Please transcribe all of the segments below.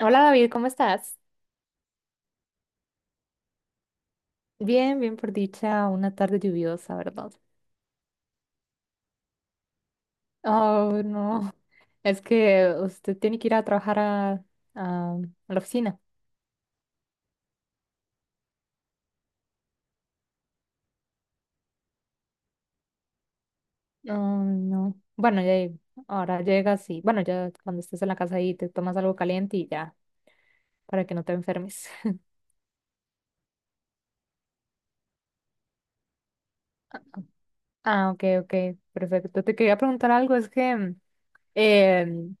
Hola David, ¿cómo estás? Bien, bien por dicha, una tarde lluviosa, ¿verdad? Oh, no. Es que usted tiene que ir a trabajar a la oficina. Oh, no. Bueno, ya ahora llegas y, bueno, ya cuando estés en la casa ahí te tomas algo caliente y ya, para que no te enfermes. Ah, ok, ok, perfecto. Te quería preguntar algo, es que em,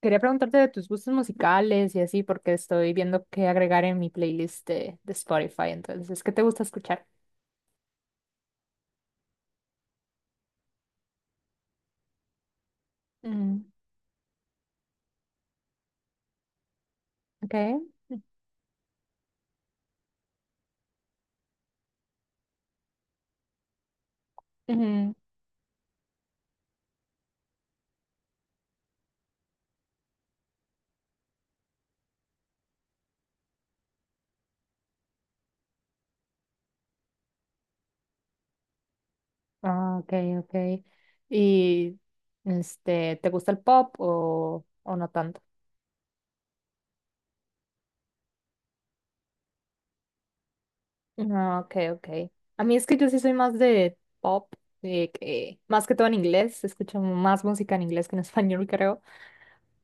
quería preguntarte de tus gustos musicales y así, porque estoy viendo qué agregar en mi playlist de Spotify. Entonces, ¿qué te gusta escuchar? Mm, okay. Ujú. Ah, okay, okay. Y este, ¿te gusta el pop o no tanto? Ah, okay, okay. A mí es que yo sí soy más de pop, más que todo en inglés, escucho más música en inglés que en español, creo.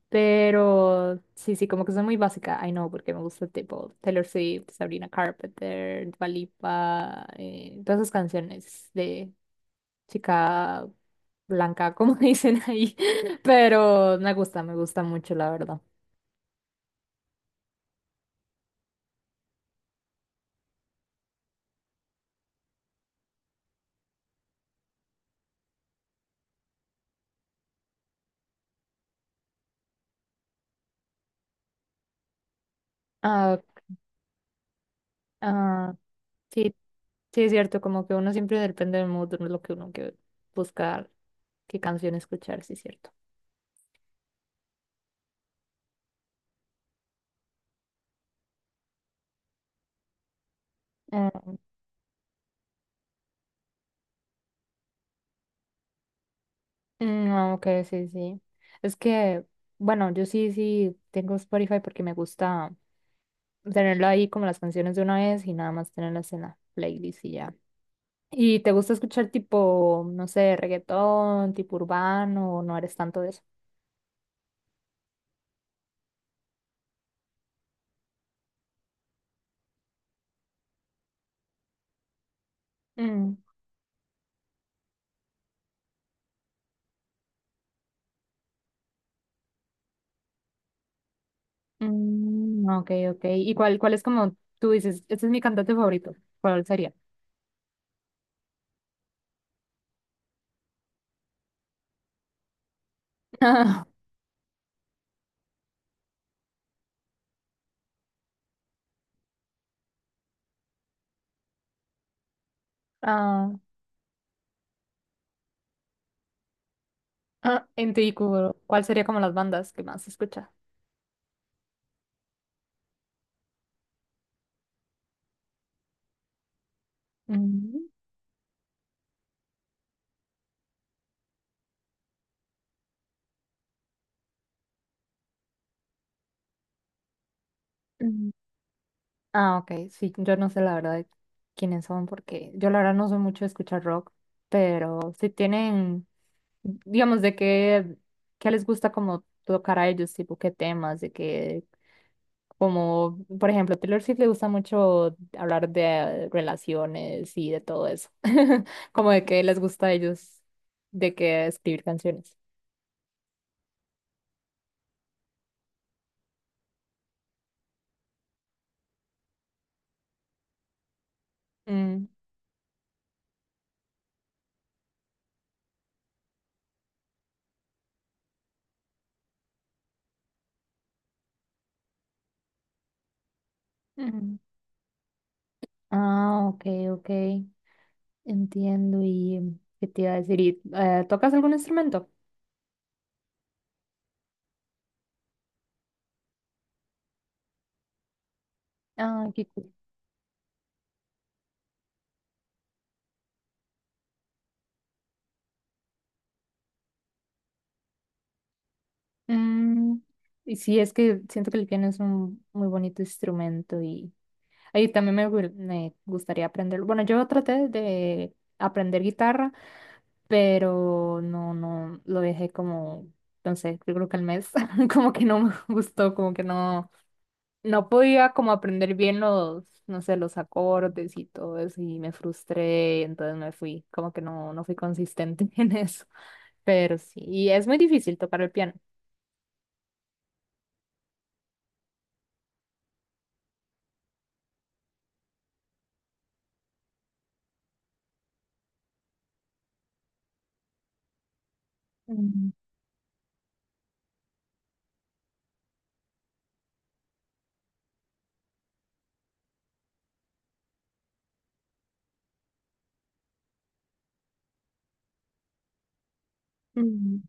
Pero sí, sí, como que soy muy básica, I know, porque me gusta tipo Taylor Swift, Sabrina Carpenter, Dua Lipa, todas esas canciones de chica blanca, como dicen ahí, pero me gusta mucho, la verdad. Ah, ah, sí, sí es cierto, como que uno siempre depende del mood, de lo que uno que buscar, qué canción escuchar, sí es cierto. Mm, mm, ah, ok, sí, sí. Es que, bueno, yo sí, sí tengo Spotify porque me gusta tenerlo ahí como las canciones de una vez y nada más tenerlas en la playlist y ya. ¿Y te gusta escuchar tipo, no sé, reggaetón, tipo urbano o no eres tanto de eso? Mm, mm, ok, ok. ¿Y cuál, cuál es como tú dices, este es mi cantante favorito? ¿Cuál sería? Ah, ah, en tu IQ, ¿cuál sería como las bandas que más escucha? Mm, mm. Ah, ok, sí, yo no sé la verdad de quiénes son porque yo la verdad no soy mucho de escuchar rock, pero si tienen, digamos, de qué, qué les gusta como tocar a ellos, tipo qué temas, de qué. Como, por ejemplo, Taylor Swift le gusta mucho hablar de relaciones y de todo eso. Como de que les gusta a ellos, de que escribir canciones. Mm. Mm. Ah, ok, ok. Entiendo. ¿Y qué te iba a decir? ¿Y, tocas algún instrumento? Ah, qué cool. Mm, y sí, es que siento que el piano es un muy bonito instrumento y ahí también me, me gustaría aprender. Bueno, yo traté de aprender guitarra, pero no, no, lo dejé como, entonces, yo creo que al mes, como que no me gustó, como que no, no podía como aprender bien los, no sé, los acordes y todo eso, y me frustré, entonces me fui, como que no, no fui consistente en eso. Pero sí, y es muy difícil tocar el piano. Mm, mm,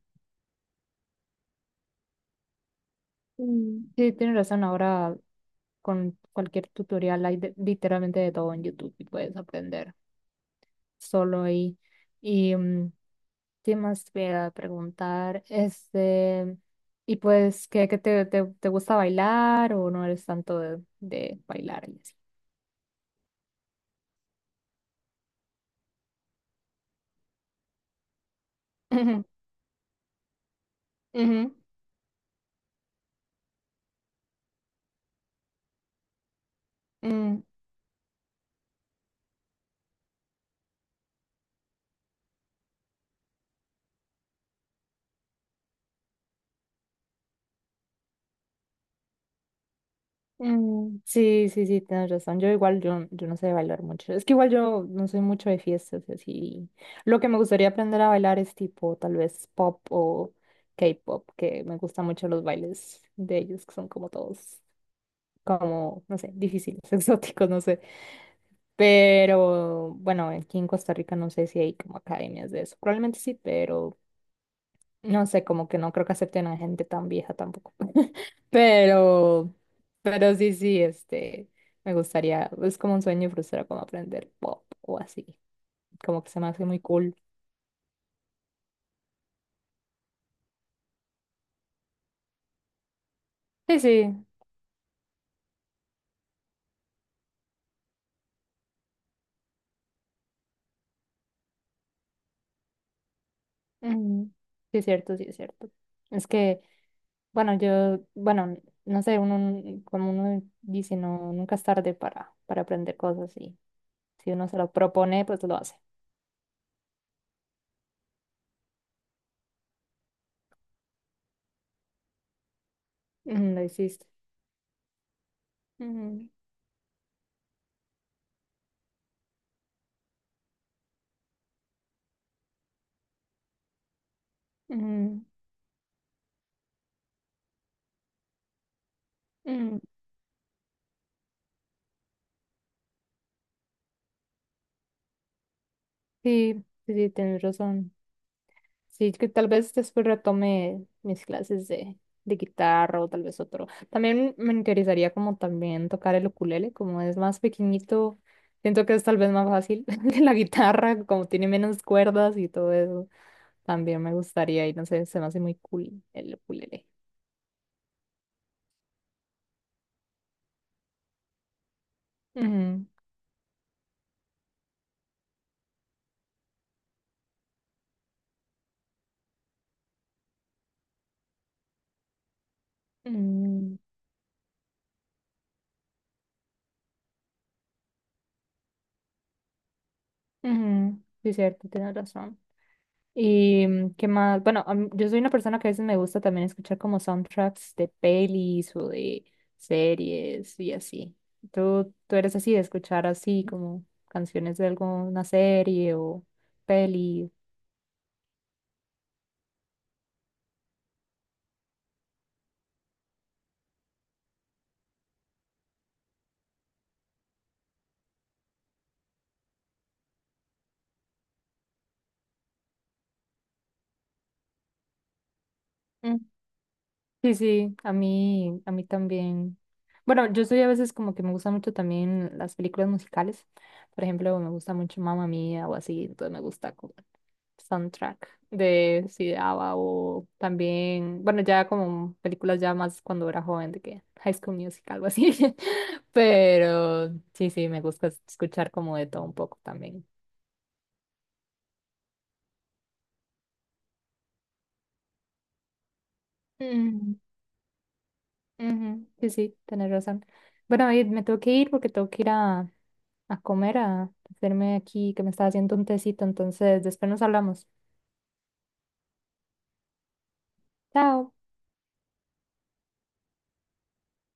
mm. Sí, tienes razón, ahora con cualquier tutorial hay literalmente de todo en YouTube y puedes aprender solo ahí. Y mm, qué más te voy a preguntar, este, y pues, ¿qué, qué te, te, te gusta bailar o no eres tanto de bailar y así? Ujú, ujú, mm. Mm, sí, sí, sí, tienes razón. Yo igual, yo no sé bailar mucho. Es que igual yo no soy mucho de fiestas y así. Lo que me gustaría aprender a bailar es tipo tal vez pop o K-pop, que me gustan mucho los bailes de ellos, que son como todos, como, no sé, difíciles, exóticos, no sé. Pero bueno, aquí en Costa Rica no sé si hay como academias de eso. Probablemente sí, pero no sé, como que no creo que acepten a gente tan vieja tampoco. Pero, pero sí, sí, este, me gustaría, es como un sueño frustrado como aprender pop o así, como que se me hace muy cool. Sí, sí, ujú, sí es cierto, sí es cierto. Es que, bueno, yo, bueno, no sé, uno, como uno dice, no, nunca es tarde para aprender cosas y si uno se lo propone, pues lo hace. Ujú, lo hiciste. Ujú, ujú, ujú. Sí, sí, sí, tienes razón. Sí, que tal vez después retome mis clases de guitarra o tal vez otro. También me interesaría como también tocar el ukulele, como es más pequeñito, siento que es tal vez más fácil que la guitarra, como tiene menos cuerdas y todo eso. También me gustaría y no sé, se me hace muy cool el ukulele. Ujú, ujú, ujú. Sí, cierto, tienes razón. Y mm, qué más, bueno, a yo soy una persona que a veces me gusta también escuchar como soundtracks de pelis o de series y así. ¿Tú, tú eres así de escuchar así como canciones de alguna serie o peli? Mm, sí, sí, a mí también. Bueno, yo soy a veces como que me gusta mucho también las películas musicales. Por ejemplo, me gusta mucho Mamma Mía o así, entonces me gusta como soundtrack de sí, de ABBA o también, bueno, ya como películas ya más cuando era joven de que High School Musical, algo así. Pero sí, sí, me gusta escuchar como de todo un poco también. Mm, ujú, sí, sí, tenés razón. Bueno, David, me tengo que ir porque tengo que ir a comer, a hacerme aquí que me está haciendo un tecito, entonces después nos hablamos. Chao.